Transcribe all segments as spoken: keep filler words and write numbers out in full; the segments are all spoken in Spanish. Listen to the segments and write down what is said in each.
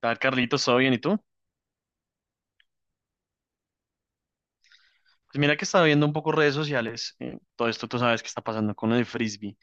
¿Tal, Carlitos? ¿Todo bien? ¿Y tú? Pues mira que estaba viendo un poco redes sociales. Eh, todo esto tú sabes que está pasando con el frisbee,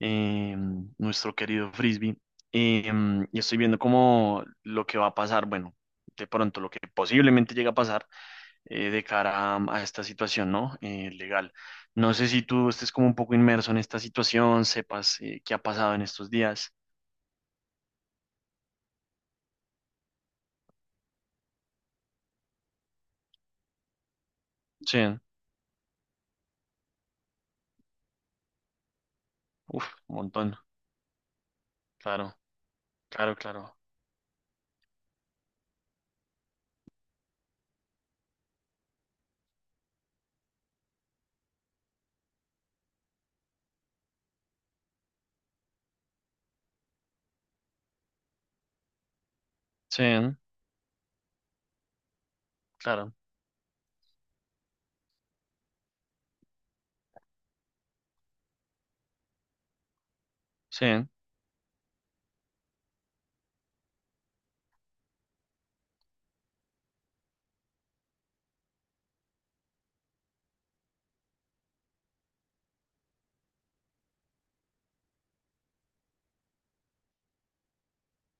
eh, nuestro querido frisbee. eh, y estoy viendo como lo que va a pasar, bueno, de pronto lo que posiblemente llega a pasar eh, de cara a, a esta situación, ¿no? Eh, legal. No sé si tú estés como un poco inmerso en esta situación, sepas eh, qué ha pasado en estos días. Sí, uf, un montón. Claro, claro, claro. Sí, claro. Sí,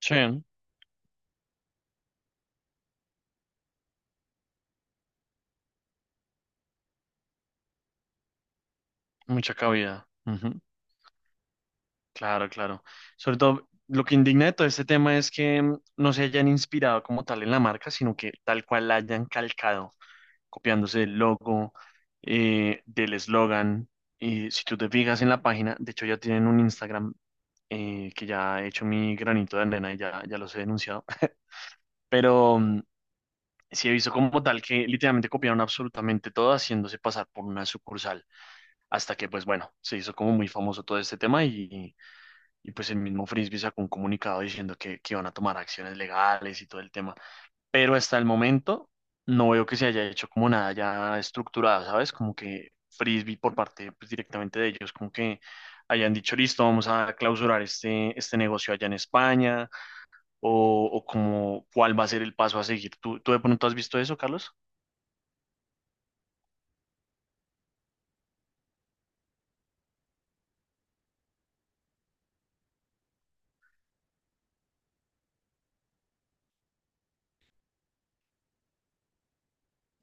sí, mucha cabida. Claro, claro. Sobre todo, lo que indigna de todo este tema es que mm, no se hayan inspirado como tal en la marca, sino que tal cual la hayan calcado, copiándose del logo, eh, del eslogan. Y si tú te fijas en la página, de hecho ya tienen un Instagram, eh, que ya he hecho mi granito de arena y ya, ya los he denunciado. Pero mm, sí he visto como tal que literalmente copiaron absolutamente todo, haciéndose pasar por una sucursal. Hasta que, pues bueno, se hizo como muy famoso todo este tema y y pues el mismo Frisbee sacó un comunicado diciendo que, que iban a tomar acciones legales y todo el tema. Pero hasta el momento no veo que se haya hecho como nada ya estructurado, ¿sabes? Como que Frisbee por parte pues, directamente de ellos, como que hayan dicho, listo, vamos a clausurar este, este negocio allá en España, o, o como cuál va a ser el paso a seguir. ¿Tú, tú de pronto has visto eso, Carlos?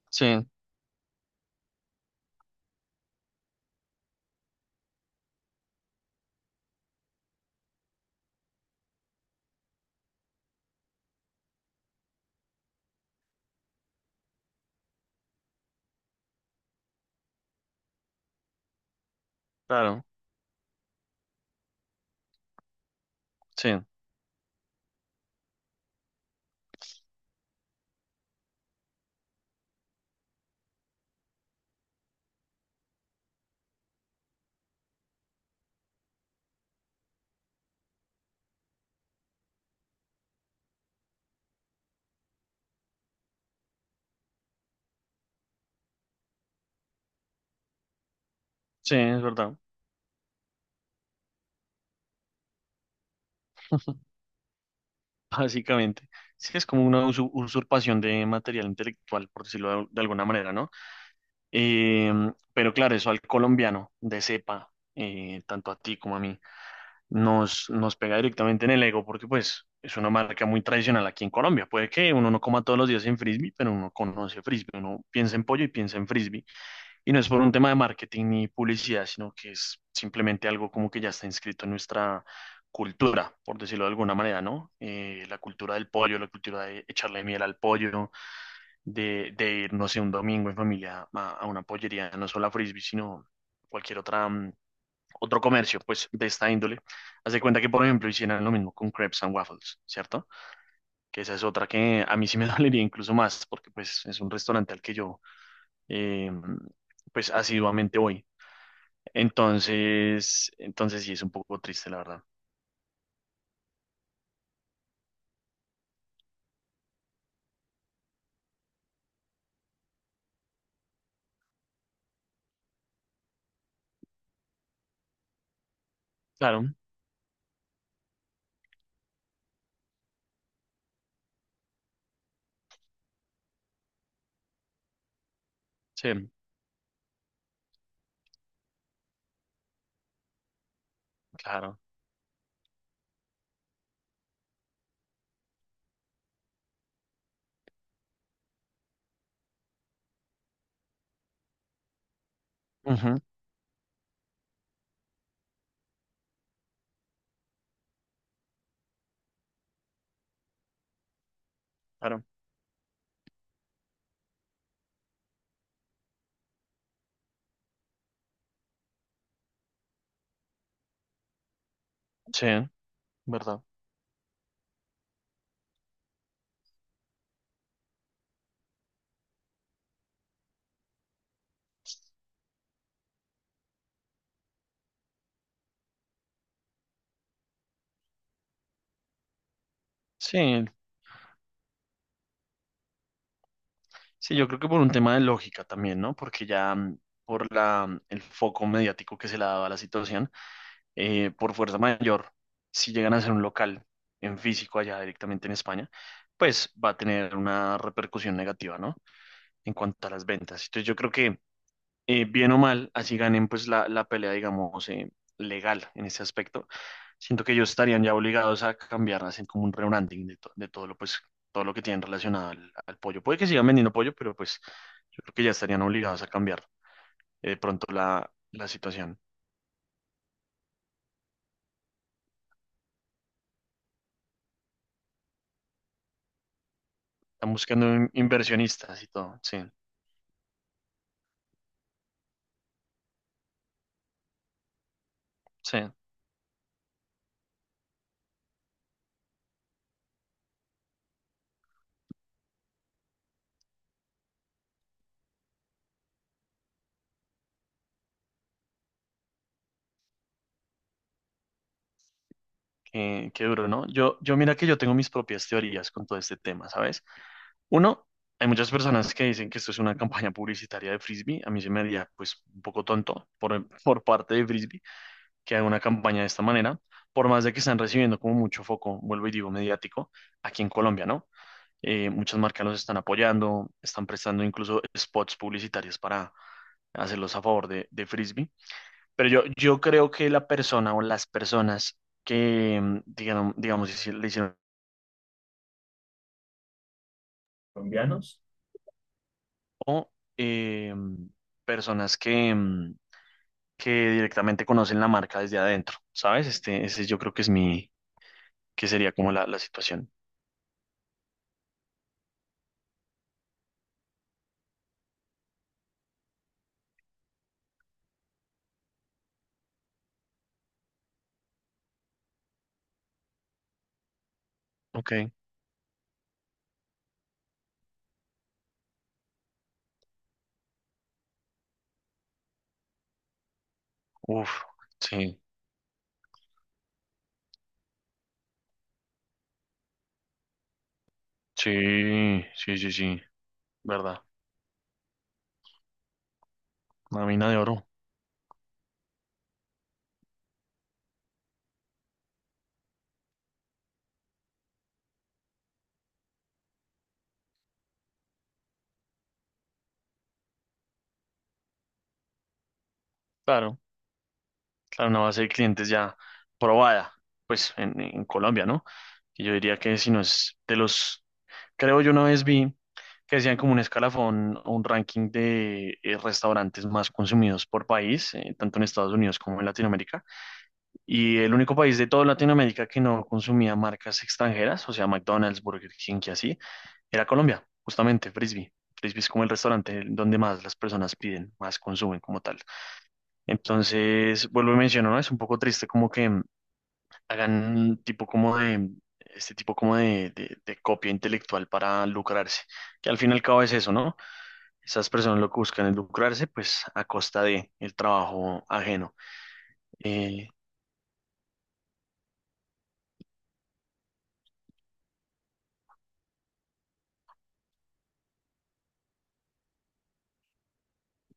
Sí, claro, sí, sí, es verdad, básicamente. Sí, es como una usu- usurpación de material intelectual, por decirlo de, de alguna manera, ¿no? Eh, pero claro, eso al colombiano de cepa, eh, tanto a ti como a mí, nos, nos pega directamente en el ego porque pues es una marca muy tradicional aquí en Colombia. Puede que uno no coma todos los días en frisbee, pero uno conoce frisbee, uno piensa en pollo y piensa en frisbee. Y no es por un tema de marketing ni publicidad, sino que es simplemente algo como que ya está inscrito en nuestra cultura, por decirlo de alguna manera, ¿no? Eh, la cultura del pollo, la cultura de echarle miel al pollo de, de ir, no sé, un domingo en familia a, a una pollería, no solo a Frisbee, sino cualquier otra, mm, otro comercio, pues, de esta índole. Haz de cuenta que, por ejemplo, hicieran lo mismo con crepes and waffles, ¿cierto? Que esa es otra que a mí sí me dolería incluso más, porque, pues, es un restaurante al que yo, eh, pues, asiduamente voy. Entonces, entonces sí es un poco triste, la verdad. Claro, sí, claro. Ujú, claro, sí, ¿verdad? Sí, Sí, yo creo que por un tema de lógica también, ¿no? Porque ya mm, por la, mm, el foco mediático que se le ha dado a la situación, eh, por fuerza mayor, si llegan a ser un local en físico allá directamente en España, pues va a tener una repercusión negativa, ¿no? En cuanto a las ventas. Entonces yo creo que eh, bien o mal, así ganen pues la, la pelea, digamos, eh, legal en ese aspecto. Siento que ellos estarían ya obligados a cambiar, hacen como un rebranding de, to- de todo lo, pues, todo lo que tienen relacionado al, al pollo. Puede que sigan vendiendo pollo, pero pues yo creo que ya estarían obligados a cambiar eh, de pronto la, la situación. Están buscando in- inversionistas y todo, sí, sí, qué, qué duro, ¿no? Yo, yo mira que yo tengo mis propias teorías con todo este tema, ¿sabes? Uno, hay muchas personas que dicen que esto es una campaña publicitaria de Frisbee. A mí se me haría, pues, un poco tonto por, por parte de Frisbee que haga una campaña de esta manera, por más de que están recibiendo como mucho foco, vuelvo y digo, mediático, aquí en Colombia, ¿no? Eh, muchas marcas los están apoyando, están prestando incluso spots publicitarios para hacerlos a favor de, de Frisbee. Pero yo, yo creo que la persona o las personas que, mm, digan- digamos, hici- le hicieron colombianos o eh, personas que, mm, que directamente conocen la marca desde adentro, ¿sabes? Este, ese yo creo que es mi, que sería como la, la situación. Ok, uf, sí, sí, sí, sí, sí, verdad, una mina de oro. Claro, claro, una base de clientes ya probada, pues en, en Colombia, ¿no? Que yo diría que si no es de los creo yo una vez vi que decían como un escalafón o un ranking de eh, restaurantes más consumidos por país, eh, tanto en Estados Unidos como en Latinoamérica. Y el único país de toda Latinoamérica que no consumía marcas extranjeras, o sea, McDonald's, Burger King y así, era Colombia, justamente, Frisby. Frisby es como el restaurante donde más las personas piden, más consumen como tal. Entonces, vuelvo y menciono, ¿no? Es un poco triste como que hagan un tipo como de, este tipo como de, de- de copia intelectual para lucrarse, que al fin y al cabo es eso, ¿no? Esas personas lo que buscan es lucrarse, pues a costa de el trabajo ajeno. Eh,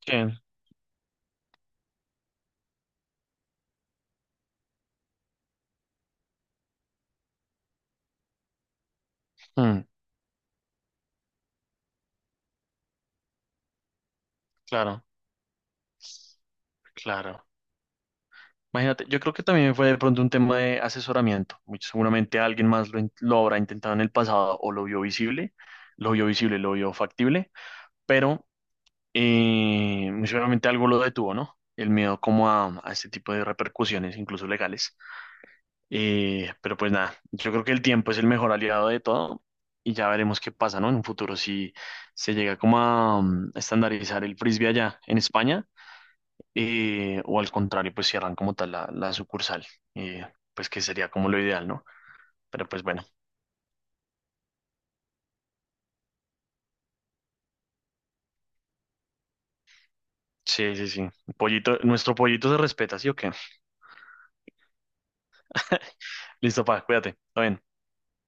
que, mm, claro, claro. Imagínate, yo creo que también fue de pronto un tema de asesoramiento. Muy seguramente alguien más lo, in- lo habrá intentado en el pasado o lo vio visible, lo vio visible, lo vio factible, pero Eh, muy seguramente algo lo detuvo, ¿no? El miedo como a, a este tipo de repercusiones, incluso legales. Eh, pero pues nada, yo creo que el tiempo es el mejor aliado de todo y ya veremos qué pasa, ¿no? En un futuro, si se llega como a, mm, estandarizar el frisbee allá en España, eh, o al contrario, pues cierran como tal la, la sucursal, eh, pues que sería como lo ideal, ¿no? Pero pues bueno, sí, sí, sí. Pollito, nuestro pollito se respeta, ¿sí o qué? Listo, pa, cuídate. Está bien.